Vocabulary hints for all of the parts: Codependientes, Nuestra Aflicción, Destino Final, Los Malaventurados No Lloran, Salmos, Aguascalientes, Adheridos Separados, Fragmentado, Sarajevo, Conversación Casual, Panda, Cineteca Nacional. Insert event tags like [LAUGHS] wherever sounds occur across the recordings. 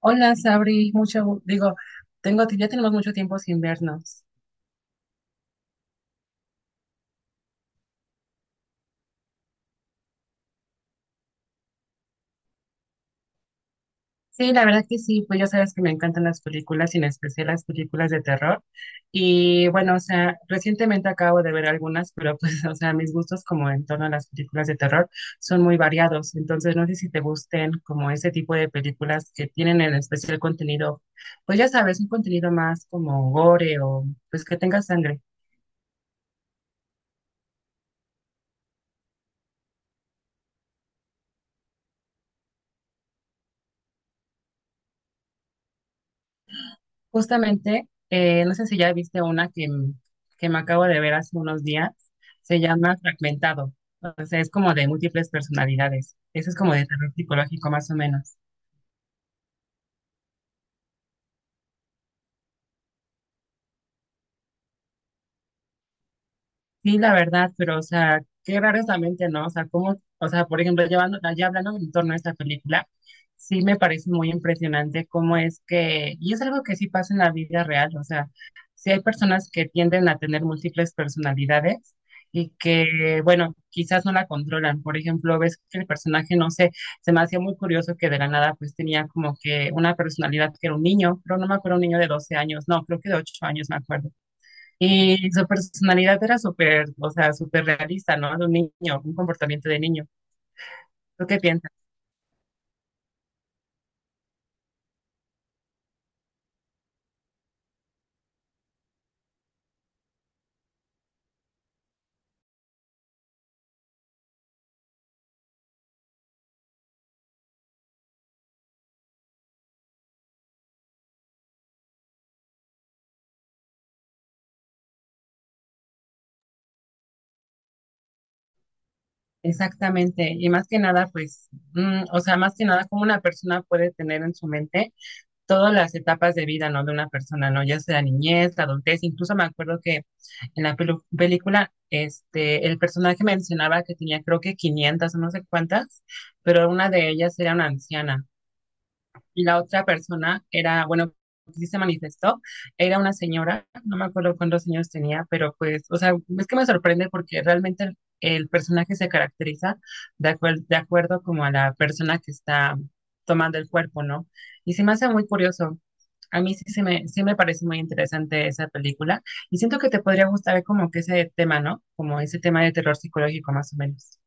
Hola, Sabri, ya tenemos mucho tiempo sin vernos. Sí, la verdad que sí, pues ya sabes que me encantan las películas y en especial las películas de terror. Y bueno, o sea, recientemente acabo de ver algunas, pero pues, [LAUGHS] o sea, mis gustos como en torno a las películas de terror son muy variados. Entonces, no sé si te gusten como ese tipo de películas que tienen en especial contenido, pues ya sabes, un contenido más como gore o pues que tenga sangre. Justamente, no sé si ya viste una que me acabo de ver hace unos días, se llama Fragmentado, o sea, es como de múltiples personalidades, eso es como de terror psicológico más o menos. Sí, la verdad, pero, o sea, qué raro es la mente, ¿no? O sea, cómo, o sea, por ejemplo, ya hablando en torno a esta película, sí me parece muy impresionante cómo es que, y es algo que sí pasa en la vida real, o sea, sí hay personas que tienden a tener múltiples personalidades y que, bueno, quizás no la controlan. Por ejemplo, ves que el personaje, no sé, se me hacía muy curioso que de la nada, pues tenía como que una personalidad que era un niño, pero no me acuerdo, un niño de 12 años, no, creo que de 8 años, me acuerdo, y su personalidad era súper, o sea, súper realista, ¿no? De un niño, un comportamiento de niño. ¿Tú qué piensas? Exactamente. Y más que nada, pues, o sea, más que nada, como una persona puede tener en su mente todas las etapas de vida, ¿no? De una persona, ¿no? Ya sea la niñez, la adultez. Incluso me acuerdo que en la película, este, el personaje mencionaba que tenía, creo que 500 o no sé cuántas, pero una de ellas era una anciana. Y la otra persona era, bueno, sí se manifestó, era una señora, no me acuerdo cuántos años tenía, pero pues, o sea, es que me sorprende porque realmente el personaje se caracteriza de acuerdo como a la persona que está tomando el cuerpo, ¿no? Y se me hace muy curioso. A mí sí, sí me parece muy interesante esa película y siento que te podría gustar como que ese tema, ¿no? Como ese tema de terror psicológico más o menos.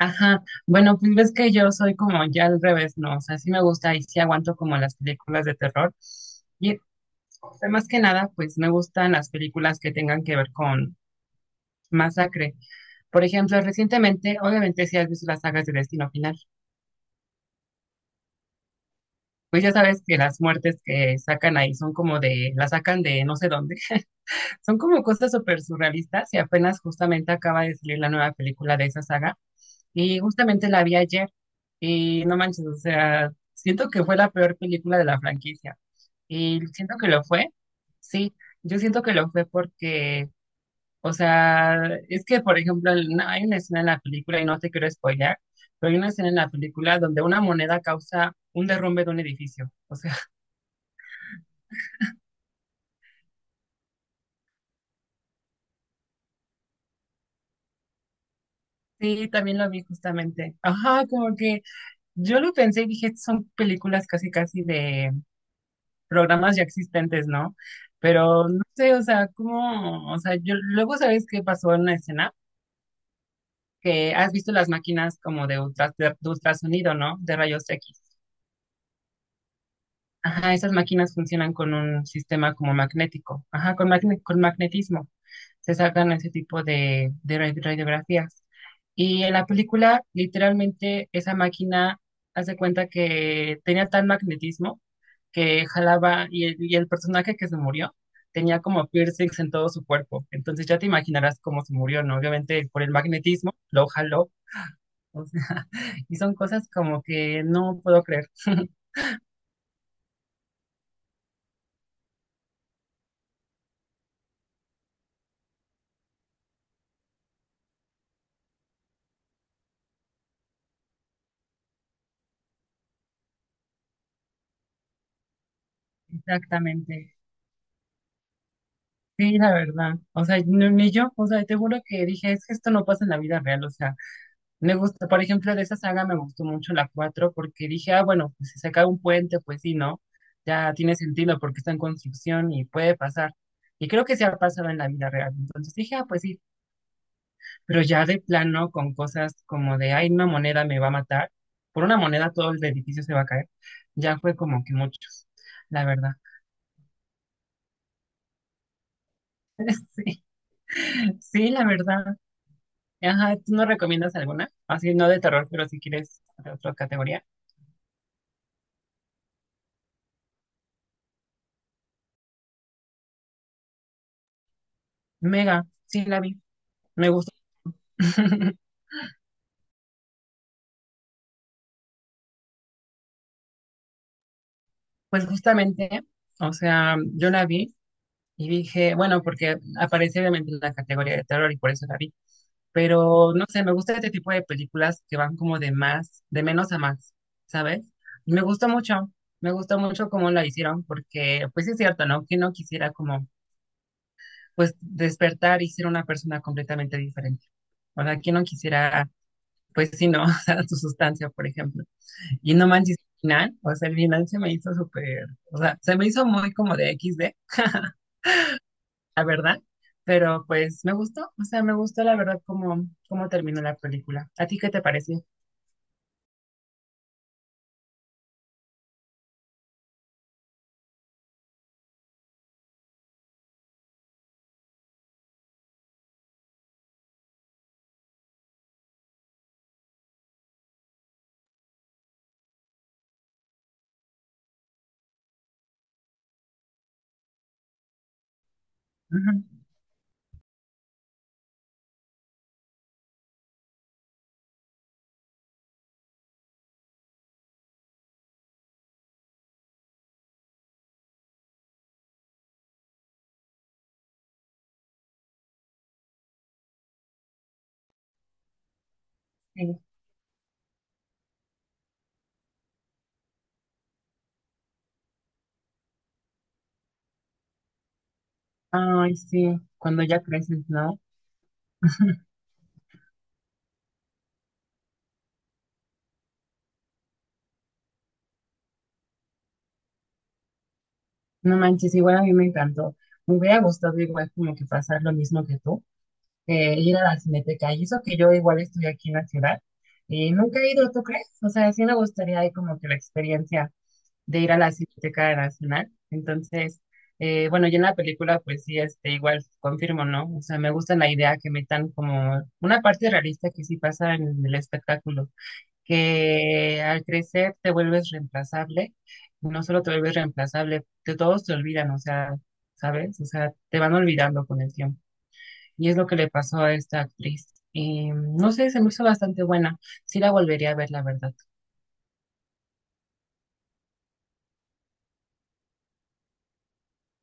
Ajá, bueno, pues ves que yo soy como ya al revés, ¿no? O sea, sí me gusta y sí aguanto como las películas de terror. Y o sea, más que nada, pues me gustan las películas que tengan que ver con masacre. Por ejemplo, recientemente, obviamente si has visto las sagas de Destino Final, pues ya sabes que las muertes que sacan ahí son como de, las sacan de no sé dónde, [LAUGHS] son como cosas súper surrealistas y apenas justamente acaba de salir la nueva película de esa saga. Y justamente la vi ayer y no manches, o sea, siento que fue la peor película de la franquicia. Y siento que lo fue, sí, yo siento que lo fue porque, o sea, es que, por ejemplo, el- no, hay una escena en la película, y no te quiero spoilear, pero hay una escena en la película donde una moneda causa un derrumbe de un edificio. O sea, [LAUGHS] sí, también lo vi justamente. Ajá, como que yo lo pensé y dije, son películas casi, casi de programas ya existentes, ¿no? Pero no sé, o sea, cómo, o sea, yo luego sabes qué pasó en la escena, que has visto las máquinas como de, ultrasonido, ¿no? De rayos X. Ajá, esas máquinas funcionan con un sistema como magnético, ajá, con magnetismo. Se sacan ese tipo de, radiografías. Y en la película, literalmente, esa máquina hace cuenta que tenía tal magnetismo que jalaba y y el personaje que se murió tenía como piercings en todo su cuerpo. Entonces ya te imaginarás cómo se murió, ¿no? Obviamente por el magnetismo lo jaló. O sea, [LAUGHS] y son cosas como que no puedo creer. [LAUGHS] Exactamente. Sí, la verdad. O sea, ni yo, o sea, te juro que dije, es que esto no pasa en la vida real, o sea, me gusta, por ejemplo, de esa saga me gustó mucho la 4 porque dije, ah, bueno, pues si se cae un puente, pues sí, ¿no? Ya tiene sentido porque está en construcción y puede pasar. Y creo que se ha pasado en la vida real. Entonces dije, ah, pues sí, pero ya de plano con cosas como de, ay, una moneda me va a matar. Por una moneda todo el edificio se va a caer. Ya fue como que muchos, la verdad. [LAUGHS] Sí, sí, la verdad. Ajá, ¿tú no recomiendas alguna? Así, no de terror, pero si quieres de otra categoría. Mega, sí la vi. Me [LAUGHS] pues justamente, o sea, yo la vi y dije, bueno, porque aparece obviamente en la categoría de terror y por eso la vi, pero no sé, me gusta este tipo de películas que van como de más, de menos a más, ¿sabes? Y me gustó mucho cómo la hicieron, porque pues sí es cierto, ¿no? Que no quisiera como, pues despertar y ser una persona completamente diferente. O sea, ¿quién no quisiera, pues sí, no, [LAUGHS] o sea, su sustancia, por ejemplo? Y no manches, el final, o sea, el final se me hizo súper, o sea, se me hizo muy como de XD, [LAUGHS] la verdad, pero pues me gustó, o sea, me gustó la verdad cómo, cómo terminó la película. ¿A ti qué te pareció? Ujú, sí. Ay, sí, cuando ya creces, ¿no? No manches, igual a mí me encantó. Me hubiera gustado igual como que pasar lo mismo que tú, ir a la Cineteca, y eso que yo igual estoy aquí en la ciudad, y nunca he ido, ¿tú crees? O sea, sí me gustaría ahí como que la experiencia de ir a la Cineteca Nacional. Entonces, bueno, yo en la película, pues sí, este, igual confirmo, ¿no? O sea, me gusta la idea que metan como una parte realista que sí pasa en el espectáculo, que al crecer te vuelves reemplazable, y no solo te vuelves reemplazable, de todos te olvidan, o sea, ¿sabes? O sea, te van olvidando con el tiempo. Y es lo que le pasó a esta actriz. Y, no sé, se me hizo bastante buena. Sí la volvería a ver, la verdad.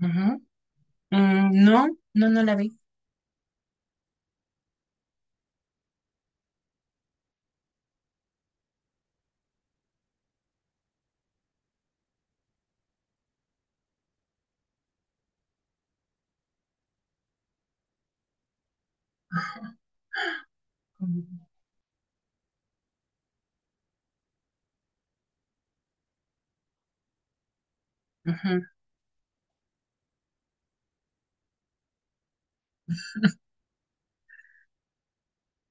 Ujú. No, no, no la vi. Ujú. Ujú.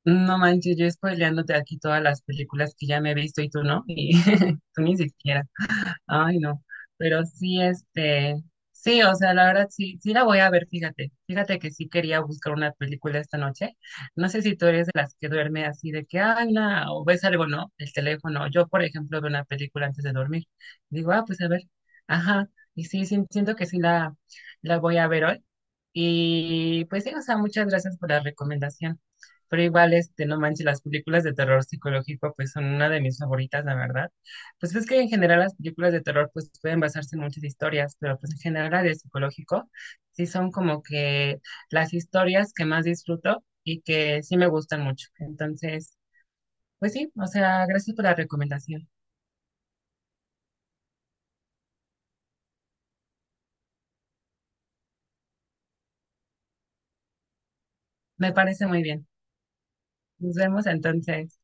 No manches, yo spoileándote aquí todas las películas que ya me he visto y tú no, y [LAUGHS] tú ni siquiera. Ay, no, pero sí, este, sí, o sea, la verdad sí, sí la voy a ver, fíjate, fíjate que sí quería buscar una película esta noche. No sé si tú eres de las que duerme así de que, ay, no, o ves algo, ¿no? El teléfono. Yo, por ejemplo, veo una película antes de dormir. Digo, ah, pues a ver, ajá, y sí, sí, siento que la voy a ver hoy. Y pues sí, o sea, muchas gracias por la recomendación. Pero igual, este, no manches, las películas de terror psicológico, pues son una de mis favoritas, la verdad. Pues ves que en general las películas de terror pues pueden basarse en muchas historias, pero pues en general las de psicológico sí son como que las historias que más disfruto y que sí me gustan mucho. Entonces, pues sí, o sea, gracias por la recomendación. Me parece muy bien. Nos vemos entonces.